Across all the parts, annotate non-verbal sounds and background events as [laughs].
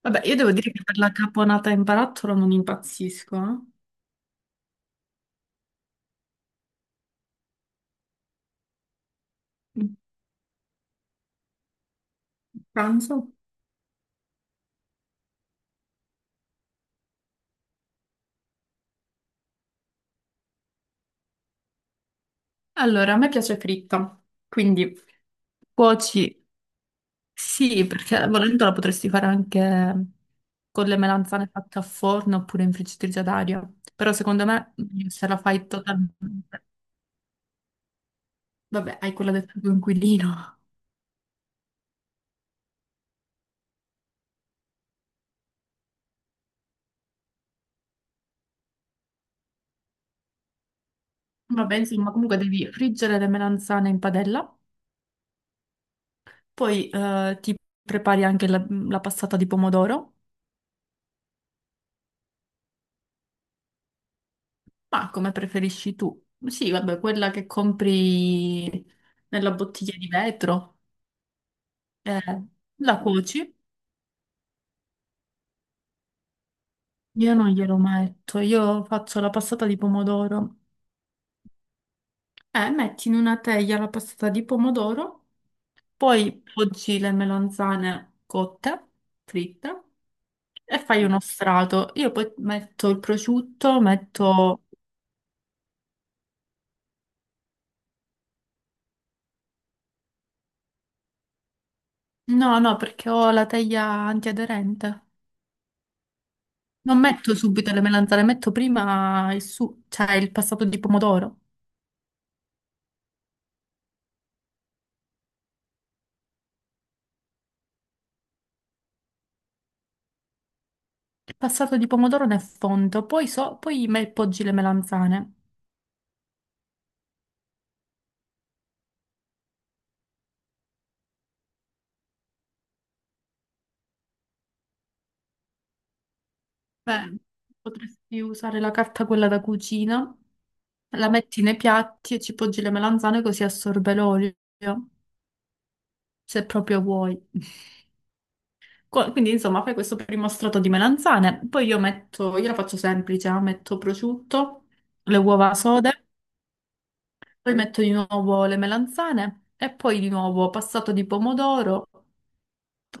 Vabbè, io devo dire che per la caponata in barattolo non impazzisco. Eh. Pranzo? Allora, a me piace fritta, quindi cuoci, sì, perché volendo la potresti fare anche con le melanzane fatte a forno oppure in friggitrice ad aria. Però secondo me se la fai totalmente... Vabbè, hai quella del tuo inquilino. Vabbè, insomma, comunque devi friggere le melanzane in padella, poi ti prepari anche la passata di pomodoro. Ma come preferisci tu? Sì, vabbè, quella che compri nella bottiglia di vetro, eh, la cuoci. Io non glielo metto, io faccio la passata di pomodoro. Metti in una teglia la passata di pomodoro, poi poggi le melanzane cotte, fritte, e fai uno strato. Io poi metto il prosciutto, metto... No, no, perché ho la teglia antiaderente. Non metto subito le melanzane, metto prima il su, cioè il passato di pomodoro. Il passato di pomodoro nel fondo, poi, so, poi me- poggi le melanzane. Beh, potresti usare la carta quella da cucina, la metti nei piatti e ci poggi le melanzane così assorbe l'olio, se proprio vuoi. Co- Quindi insomma fai questo primo strato di melanzane, poi io metto, io la faccio semplice, metto prosciutto, le uova sode. Poi metto di nuovo le melanzane e poi di nuovo passato di pomodoro,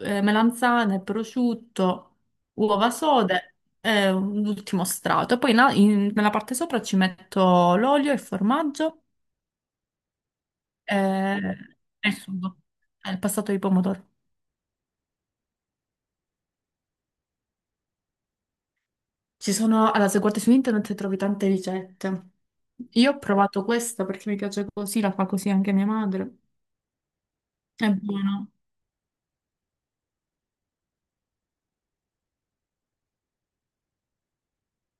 melanzane, prosciutto, uova sode e un ultimo strato. E poi na- in- nella parte sopra ci metto l'olio, il formaggio e, e il sugo, e il passato di pomodoro. Ci sono, allora, se guardi su internet trovi tante ricette. Io ho provato questa perché mi piace così, la fa così anche mia madre. È buono.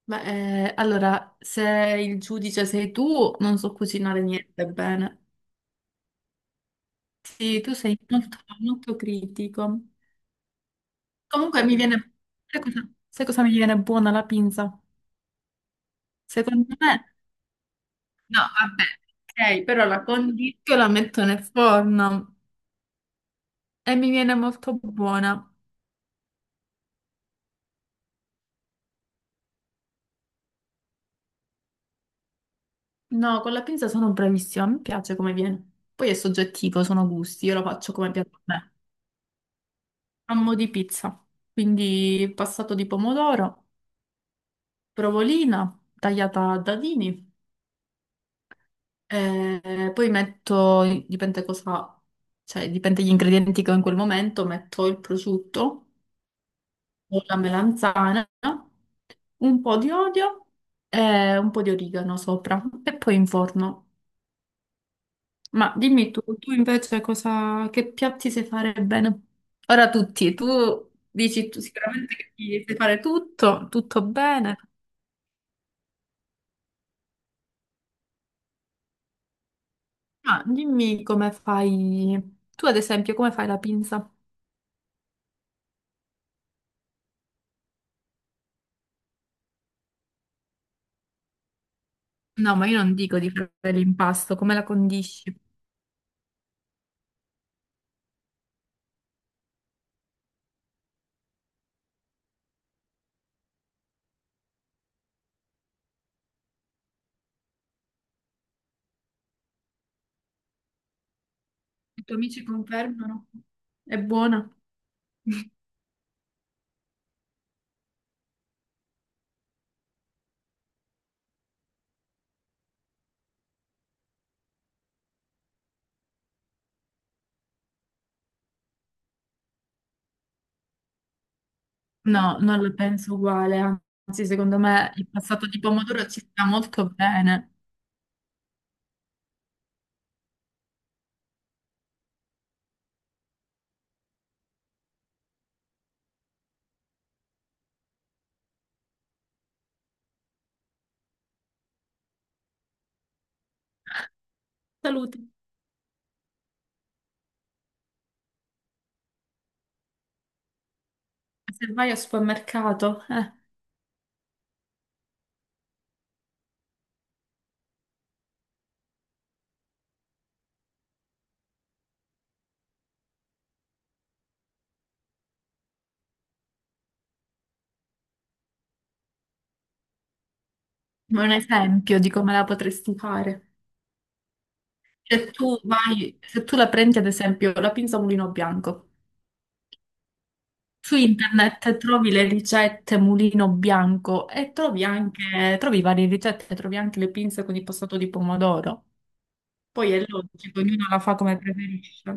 Beh, allora, se il giudice sei tu, non so cucinare niente bene. Sì, tu sei molto, molto critico. Comunque mi viene... sai cosa mi viene buona la pinza? Secondo me... No, vabbè, ok, però la condisco e la metto nel forno e mi viene molto buona. No, con la pinza sono bravissima, mi piace come viene. Poi è soggettivo, sono gusti, io lo faccio come piace a me. Amo di pizza, quindi passato di pomodoro. Provolina tagliata a dadini, e poi metto, dipende cosa, cioè dipende gli ingredienti che ho in quel momento, metto il prosciutto o la melanzana, un po' di olio e un po' di origano sopra e poi in forno. Ma dimmi tu, tu invece cosa, che piatti sai fare bene? Ora tutti, tu dici tu sicuramente che ti sai fare tutto, tutto bene. Ma dimmi come fai, tu ad esempio, come fai la pinza? No, ma io non dico di fare l'impasto, come la condisci? I tuoi amici confermano? È buona? No, non lo penso uguale, anzi, secondo me il passato di pomodoro ci sta molto bene. Salute. Se vai al supermercato, eh. È un esempio di come la potresti fare. Se tu vai, se tu la prendi ad esempio la pinza a mulino bianco, su internet trovi le ricette mulino bianco e trovi anche, trovi varie ricette, trovi anche le pinze con il passato di pomodoro. Poi è logico, ognuno la fa come preferisce.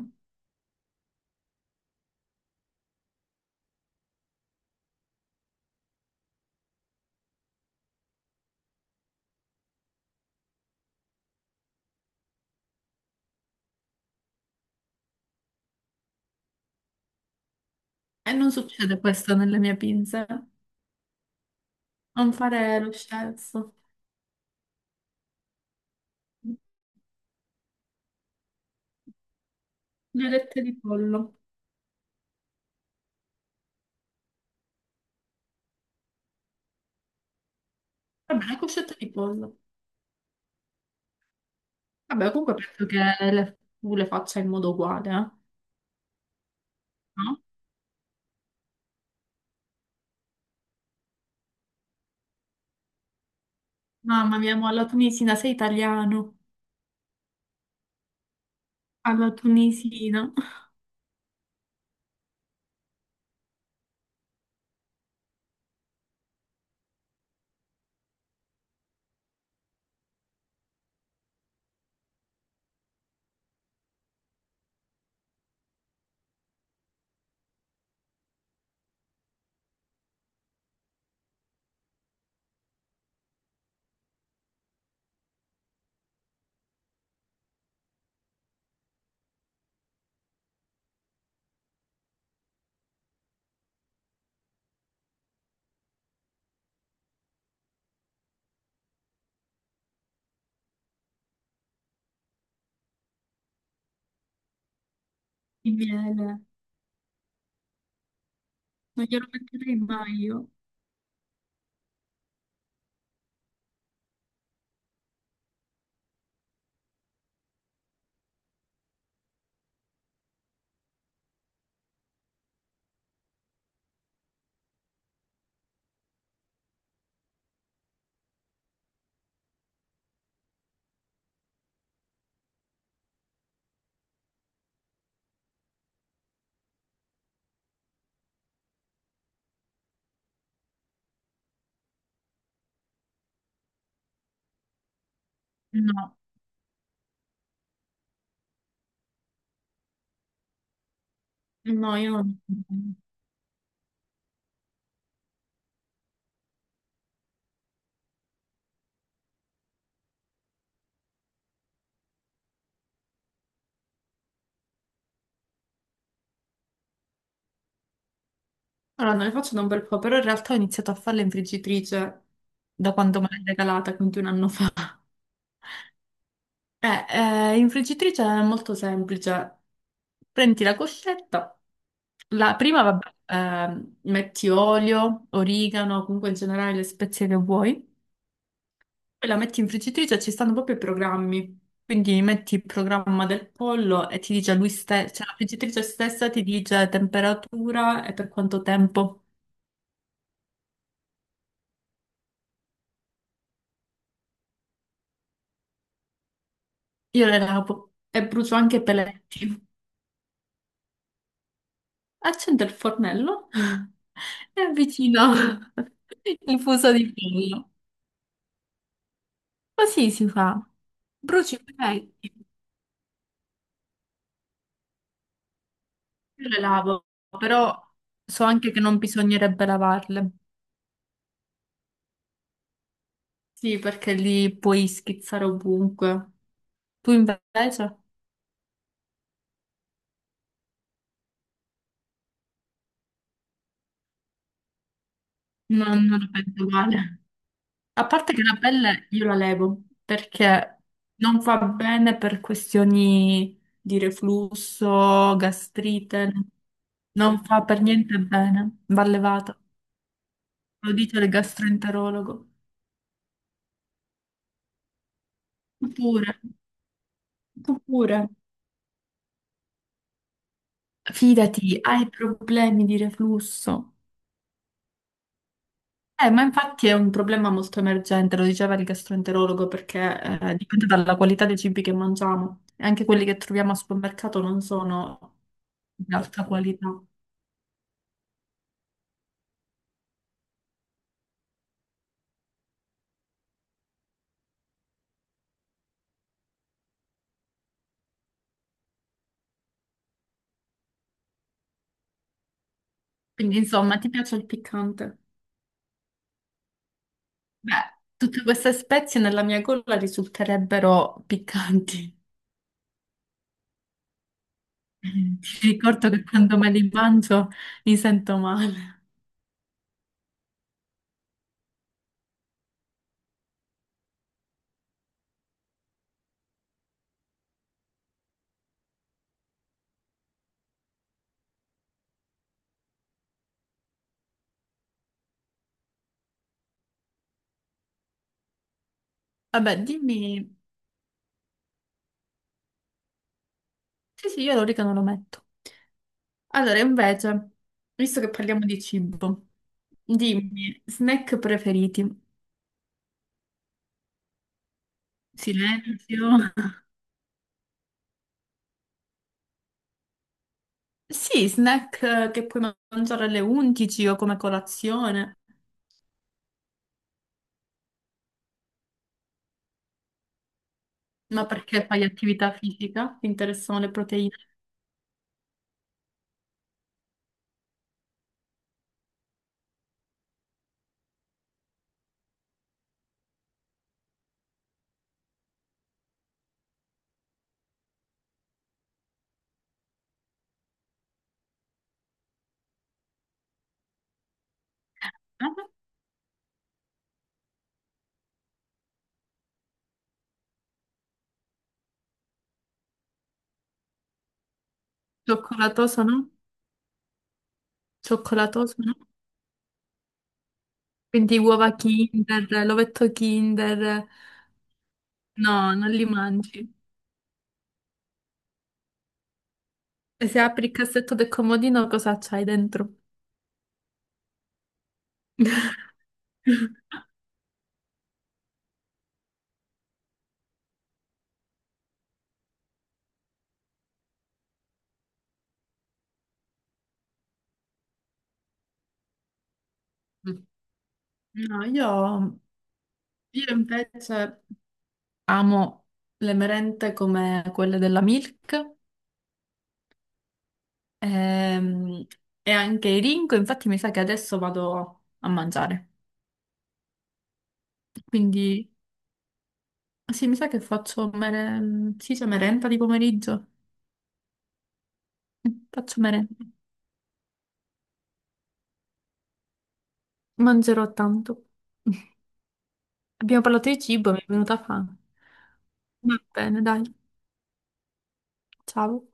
E non succede questo nelle mie pinze. Non fare lo scelto. Le alette di pollo. Vabbè, le coscette di pollo. Vabbè, comunque penso che le- tu le faccia in modo uguale, eh? No? Mamma mia, mo alla tunisina sei italiano. Alla tunisina. Il miele. Non glielo metterei mai io. No, no, io non. Allora, non le faccio da un bel po', però in realtà ho iniziato a farle in friggitrice da quando me l'hai regalata, quindi un anno [laughs] fa. In friggitrice è molto semplice. Prendi la coscetta, la prima, vabbè, metti olio, origano, comunque in generale le spezie che vuoi, poi la metti in friggitrice, ci stanno proprio i programmi. Quindi metti il programma del pollo e ti dice lui stesso, cioè la friggitrice stessa ti dice temperatura e per quanto tempo. Io le lavo e brucio anche i peletti. Accende il fornello [laughs] e avvicina il fuso di pollo. Così si fa. Bruci i pezzi. Io le lavo, però so anche che non bisognerebbe lavarle. Sì, perché li puoi schizzare ovunque. Tu invece? Non, non la penso uguale. A parte che la pelle io la levo perché non va bene per questioni di reflusso, gastrite, non fa per niente bene, va levata. Lo dice il gastroenterologo. Tu pure, tu pure, fidati, hai problemi di reflusso. Ma infatti è un problema molto emergente, lo diceva il gastroenterologo, perché dipende dalla qualità dei cibi che mangiamo. E anche quelli che troviamo al supermercato non sono di alta qualità. Quindi, insomma, ti piace il piccante? Beh, tutte queste spezie nella mia gola risulterebbero piccanti. [laughs] Ti ricordo che quando me li mangio mi sento male. Vabbè, dimmi. Sì, sì, io l'origano lo metto. Allora, invece, visto che parliamo di cibo, dimmi, snack preferiti? Silenzio. Sì, snack che puoi mangiare alle 11 o come colazione, ma perché fai attività fisica? Ti interessano le proteine? Cioccolatoso, no? Cioccolatoso, no? Quindi uova Kinder, l'ovetto Kinder. No, non li mangi. E se apri il cassetto del comodino, cosa c'hai dentro? [laughs] No, io invece amo le merende come quelle della Milk, ehm, e anche i Ringo, infatti mi sa che adesso vado a mangiare. Quindi sì, mi sa che faccio mere- sì, c'è merenda di pomeriggio. Faccio merenda. Mangerò tanto. [laughs] Abbiamo parlato di cibo, mi è venuta fame. Va bene, dai. Ciao.